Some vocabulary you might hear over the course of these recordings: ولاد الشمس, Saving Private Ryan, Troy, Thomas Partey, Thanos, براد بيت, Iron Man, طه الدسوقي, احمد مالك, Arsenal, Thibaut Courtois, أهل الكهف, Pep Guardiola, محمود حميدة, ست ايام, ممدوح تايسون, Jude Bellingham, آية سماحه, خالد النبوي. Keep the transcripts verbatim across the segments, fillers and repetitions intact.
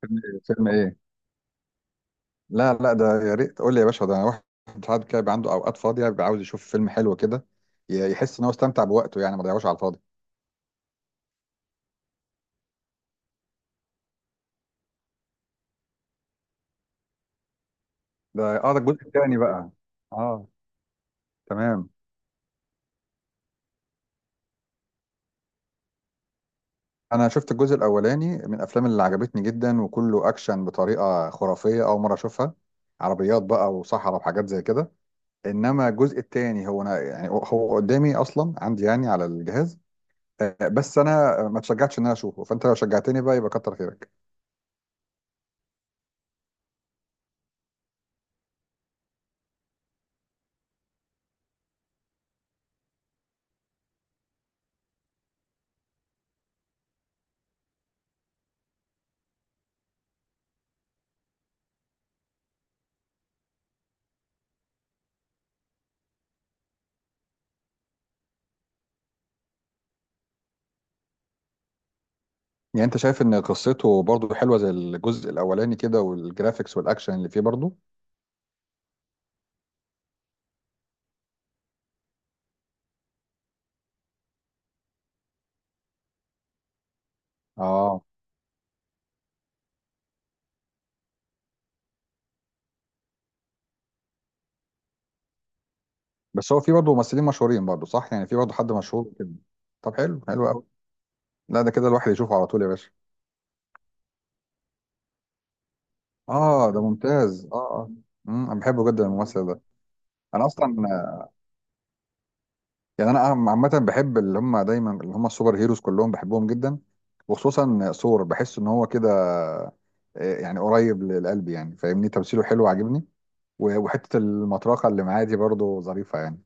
فيلم إيه؟ فيلم ايه؟ لا لا، ده يا ريت قول لي يا باشا. ده انا واحد ساعات كده بيبقى عنده اوقات فاضيه، بيبقى عاوز يشوف فيلم حلو كده، ي- يحس ان هو استمتع بوقته يعني ما ضيعوش على الفاضي. ده اه ده الجزء الثاني بقى. اه، تمام. انا شفت الجزء الاولاني من الافلام اللي عجبتني جدا، وكله اكشن بطريقه خرافيه اول مره اشوفها. عربيات بقى وصحراء وحاجات زي كده. انما الجزء الثاني هو انا يعني هو قدامي اصلا عندي يعني على الجهاز. آه، بس انا ما تشجعتش ان انا اشوفه، فانت لو شجعتني بقى يبقى كتر خيرك. يعني انت شايف ان قصته برضو حلوه زي الجزء الاولاني كده، والجرافيكس والاكشن اللي فيه برضو؟ اه. بس هو فيه برضو ممثلين مشهورين برضو، صح؟ يعني فيه برضو حد مشهور كده. طب حلو، حلو قوي. لا ده كده الواحد يشوفه على طول يا باشا. اه ده ممتاز، اه اه. امم انا بحبه جدا الممثل ده. انا اصلا، يعني انا عم- عامه بحب اللي هم دايما، اللي هم السوبر هيروز كلهم بحبهم جدا. وخصوصا ثور بحس ان هو كده، آه، يعني قريب للقلب يعني فاهمني، تمثيله حلو عاجبني. و- وحته المطرقه اللي معاه دي برضو ظريفه يعني.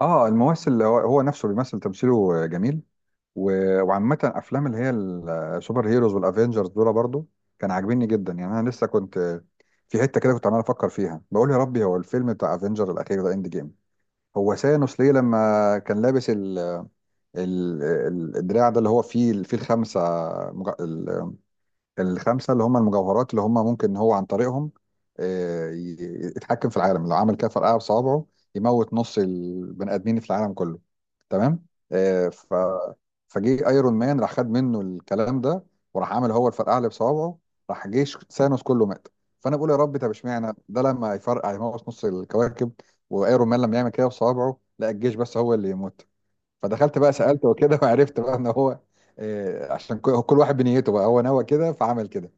اه الممثل هو هو نفسه بيمثل، تمثيله جميل. و- وعامة افلام اللي هي السوبر هيروز والافينجرز دول برضو كان عاجبني جدا يعني. انا لسه كنت في حتة كده كنت عمال افكر فيها، بقول يا ربي، هو الفيلم بتاع افنجر الاخير ده اند جيم، هو سانوس ليه لما كان لابس ال ال ال- الدراع ده اللي هو فيه فيه الخمسة الخمسه اللي هم المجوهرات، اللي هم ممكن هو عن طريقهم آه، ي- يتحكم في العالم، لو عمل كده فرقعه بصوابعه يموت نص البني ادمين في العالم كله. تمام. آه، ف فجه ايرون مان راح خد منه الكلام ده، وراح عمل هو الفرقعه اللي بصوابعه، راح جيش ثانوس كله مات. فانا بقول يا رب، طب اشمعنى ده لما يفرقع يموت نص الكواكب، وايرون مان لما يعمل كده بصوابعه لا الجيش بس هو اللي يموت؟ فدخلت بقى سالت وكده وعرفت بقى ان هو آه، عشان كل كل واحد بنيته، بقى هو نوى كده فعمل كده.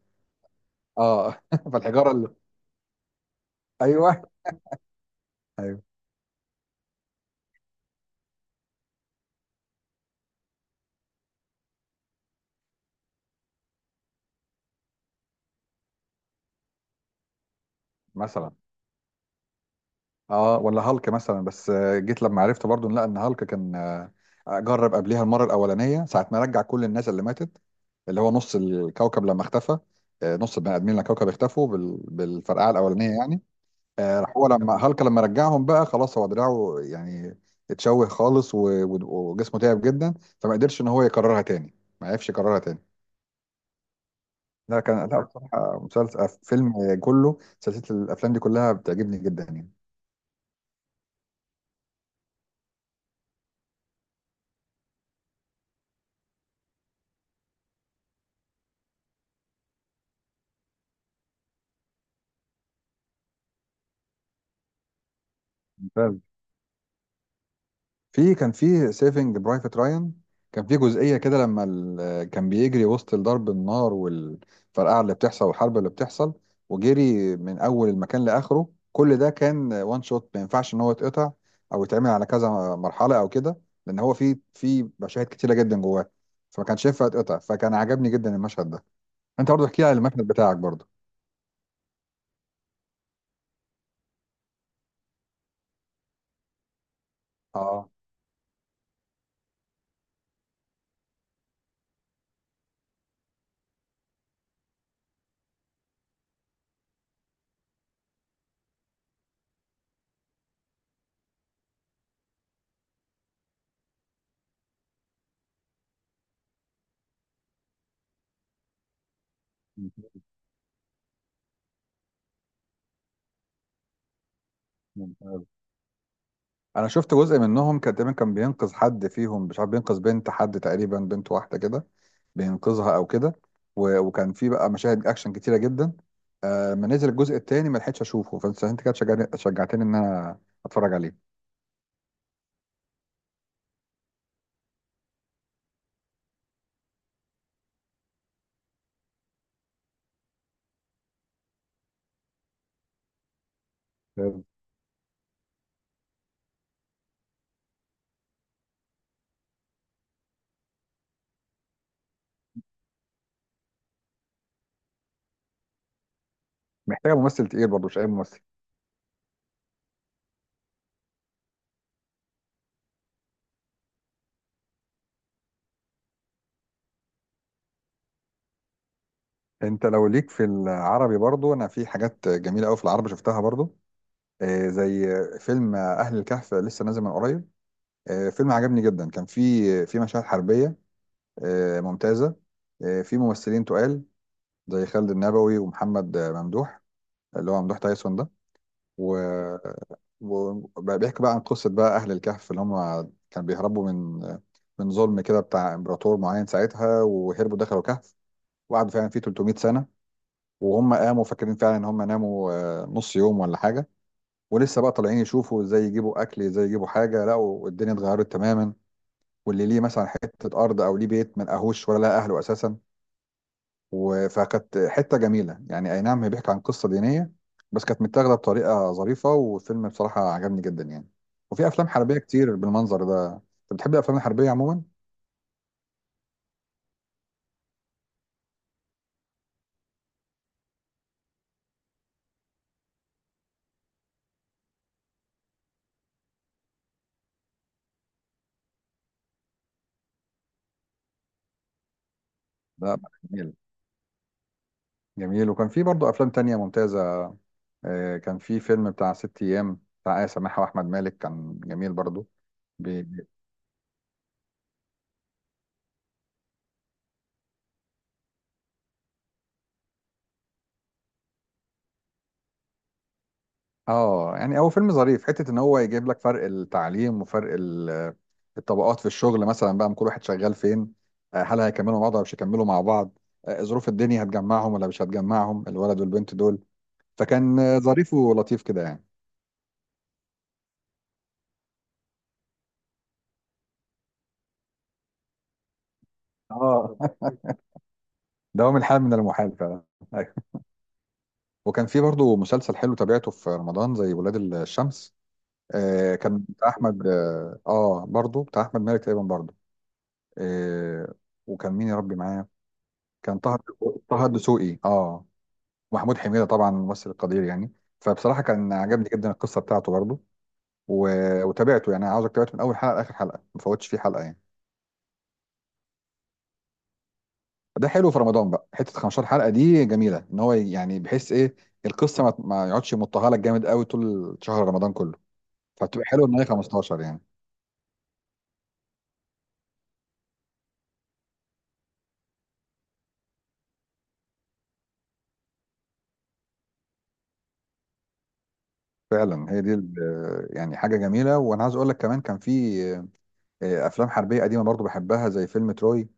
اه فالحجاره اللي، ايوه ايوه مثلا، اه ولا هالك مثلا. بس آه، جيت لما عرفت برضو إن لا ان هالك كان آه، جرب قبليها المره الاولانيه ساعه ما رجع كل الناس اللي ماتت، اللي هو نص الكوكب لما اختفى. آه، نص البني ادمين اللي على الكوكب اختفوا بال- بالفرقعه الاولانيه يعني. آه، راح هو لما هالك لما رجعهم بقى خلاص، هو دراعه يعني اتشوه خالص، و- و- وجسمه تعب جدا، فما قدرش ان هو يكررها تاني، ما عرفش يكررها تاني. لا كان لا بصراحة، مسلسل آه، فيلم كله، سلسلة الأفلام دي كلها بتعجبني جدا يعني. ممتاز. في كان في سيفنج برايفت رايان، كان في جزئية كده لما ال... كان بيجري وسط ضرب النار والفرقعة اللي بتحصل والحرب اللي بتحصل، وجري من أول المكان لآخره، كل ده كان وان شوت، ما ينفعش إن هو يتقطع أو يتعمل على كذا مرحلة أو كده، لأن هو في في مشاهد كتيرة جدا جواه، فما كانش ينفع يتقطع، فكان عجبني جدا المشهد ده. أنت برضه احكي لي على المشهد بتاعك برضه. اه ممتاز. انا شفت جزء منهم، كان تقريبا كان بينقذ حد فيهم مش عارف، بينقذ بنت حد تقريبا، بنت واحده كده بينقذها او كده. و- وكان في بقى مشاهد اكشن كتيره جدا. آه، ما نزل الجزء التاني ما لحقتش اشوفه، فانت انت كده شجعني- شجعتني ان انا اتفرج عليه. ممتاز. محتاجه ممثل تقيل برضه، مش اي ممثل. انت لو ليك في العربي برضه، انا في حاجات جميله قوي في العربي شفتها برضه، آه، زي فيلم اهل الكهف، لسه نازل من قريب. آه، فيلم عجبني جدا. كان في في مشاهد حربيه آه، ممتازة، آه، في ممثلين تقال زي خالد النبوي ومحمد آه، ممدوح، اللي هو ممدوح تايسون ده. و... وبيحكي بقى عن قصة بقى أهل الكهف، اللي هم كانوا بيهربوا من آه، من ظلم كده بتاع إمبراطور معين ساعتها، وهربوا دخلوا كهف، وقعدوا فعلا فيه 300 سنة، وهم قاموا فاكرين فعلا إن هم ناموا آه، نص يوم ولا حاجة. ولسه بقى طالعين يشوفوا ازاي يجيبوا أكل، ازاي يجيبوا حاجة، لقوا الدنيا اتغيرت تماما، واللي ليه مثلا حتة أرض أو ليه بيت ما لقاهوش، ولا لقى أهله أساسا. و- فكانت حته جميله يعني، اي نعم هي بيحكي عن قصه دينيه، بس كانت متاخده بطريقه ظريفه، والفيلم بصراحه عجبني جدا يعني. وفي افلام حربيه كتير بالمنظر ده، انت بتحب الافلام الحربيه عموما؟ لا جميل، جميل. وكان في برضه افلام تانية ممتازه، آه، كان في فيلم بتاع ست ايام بتاع آية سماحه واحمد مالك، كان جميل برضه. اه يعني هو فيلم ظريف، حته ان هو يجيب لك فرق التعليم وفرق ال- الطبقات في الشغل مثلا بقى، من كل واحد شغال فين، آه، هل هيكملوا مع بعض ولا مش هيكملوا مع بعض، آه، ظروف الدنيا هتجمعهم ولا مش هتجمعهم الولد والبنت دول. فكان آه، ظريف ولطيف كده يعني. اه دوام الحال من المحال فعلا. أيوة. وكان في برضه مسلسل حلو تابعته في رمضان زي ولاد الشمس. آه، كان بتاع احمد اه آه، برضه بتاع احمد مالك تقريبا برضه. آه، وكان مين يا ربي معاه؟ كان طه طه الدسوقي. اه. محمود حميدة طبعا ممثل قدير يعني، فبصراحة كان عجبني جدا القصة بتاعته برضه. و... وتابعته يعني، عاوزك تابعته من أول حلقة لآخر حلقة، ما فوتش فيه حلقة يعني. ده حلو في رمضان بقى، حتة 15 حلقة دي جميلة إن هو يعني، بحيث إيه؟ القصة ما, ما يقعدش يمطها لك جامد قوي طول شهر رمضان كله، فبتبقى حلوة إن هي خمستاشر يعني. فعلا هي دي ال- يعني حاجة جميلة. وأنا عايز أقول لك كمان، كان في آه، أفلام حربية قديمة برضه بحبها زي فيلم تروي،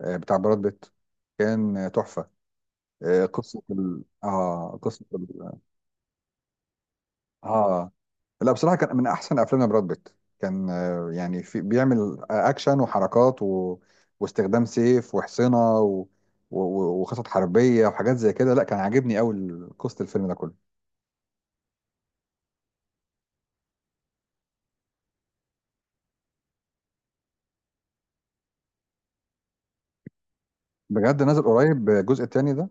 آه، بتاع براد بيت، كان تحفة. آه، قصه ال... اه قصه ال... اه لا بصراحه كان من احسن افلام براد بيت. كان آه، يعني في بيعمل آه، اكشن وحركات، و... واستخدام سيف وحصنه، و... و... و- وخطط حربيه وحاجات زي كده. لا كان عاجبني قوي قصه الفيلم ده كله. بجد نازل قريب الجزء التاني ده؟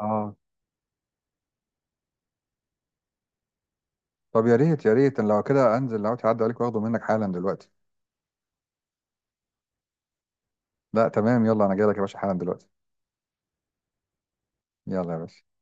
اه، طب يا ريت، يا ريت، أنا لو كده انزل لو تعدي عليك، واخده منك حالا دلوقتي. لا تمام يلا، انا جاي لك يا باشا حالا دلوقتي. يلا يا باشا.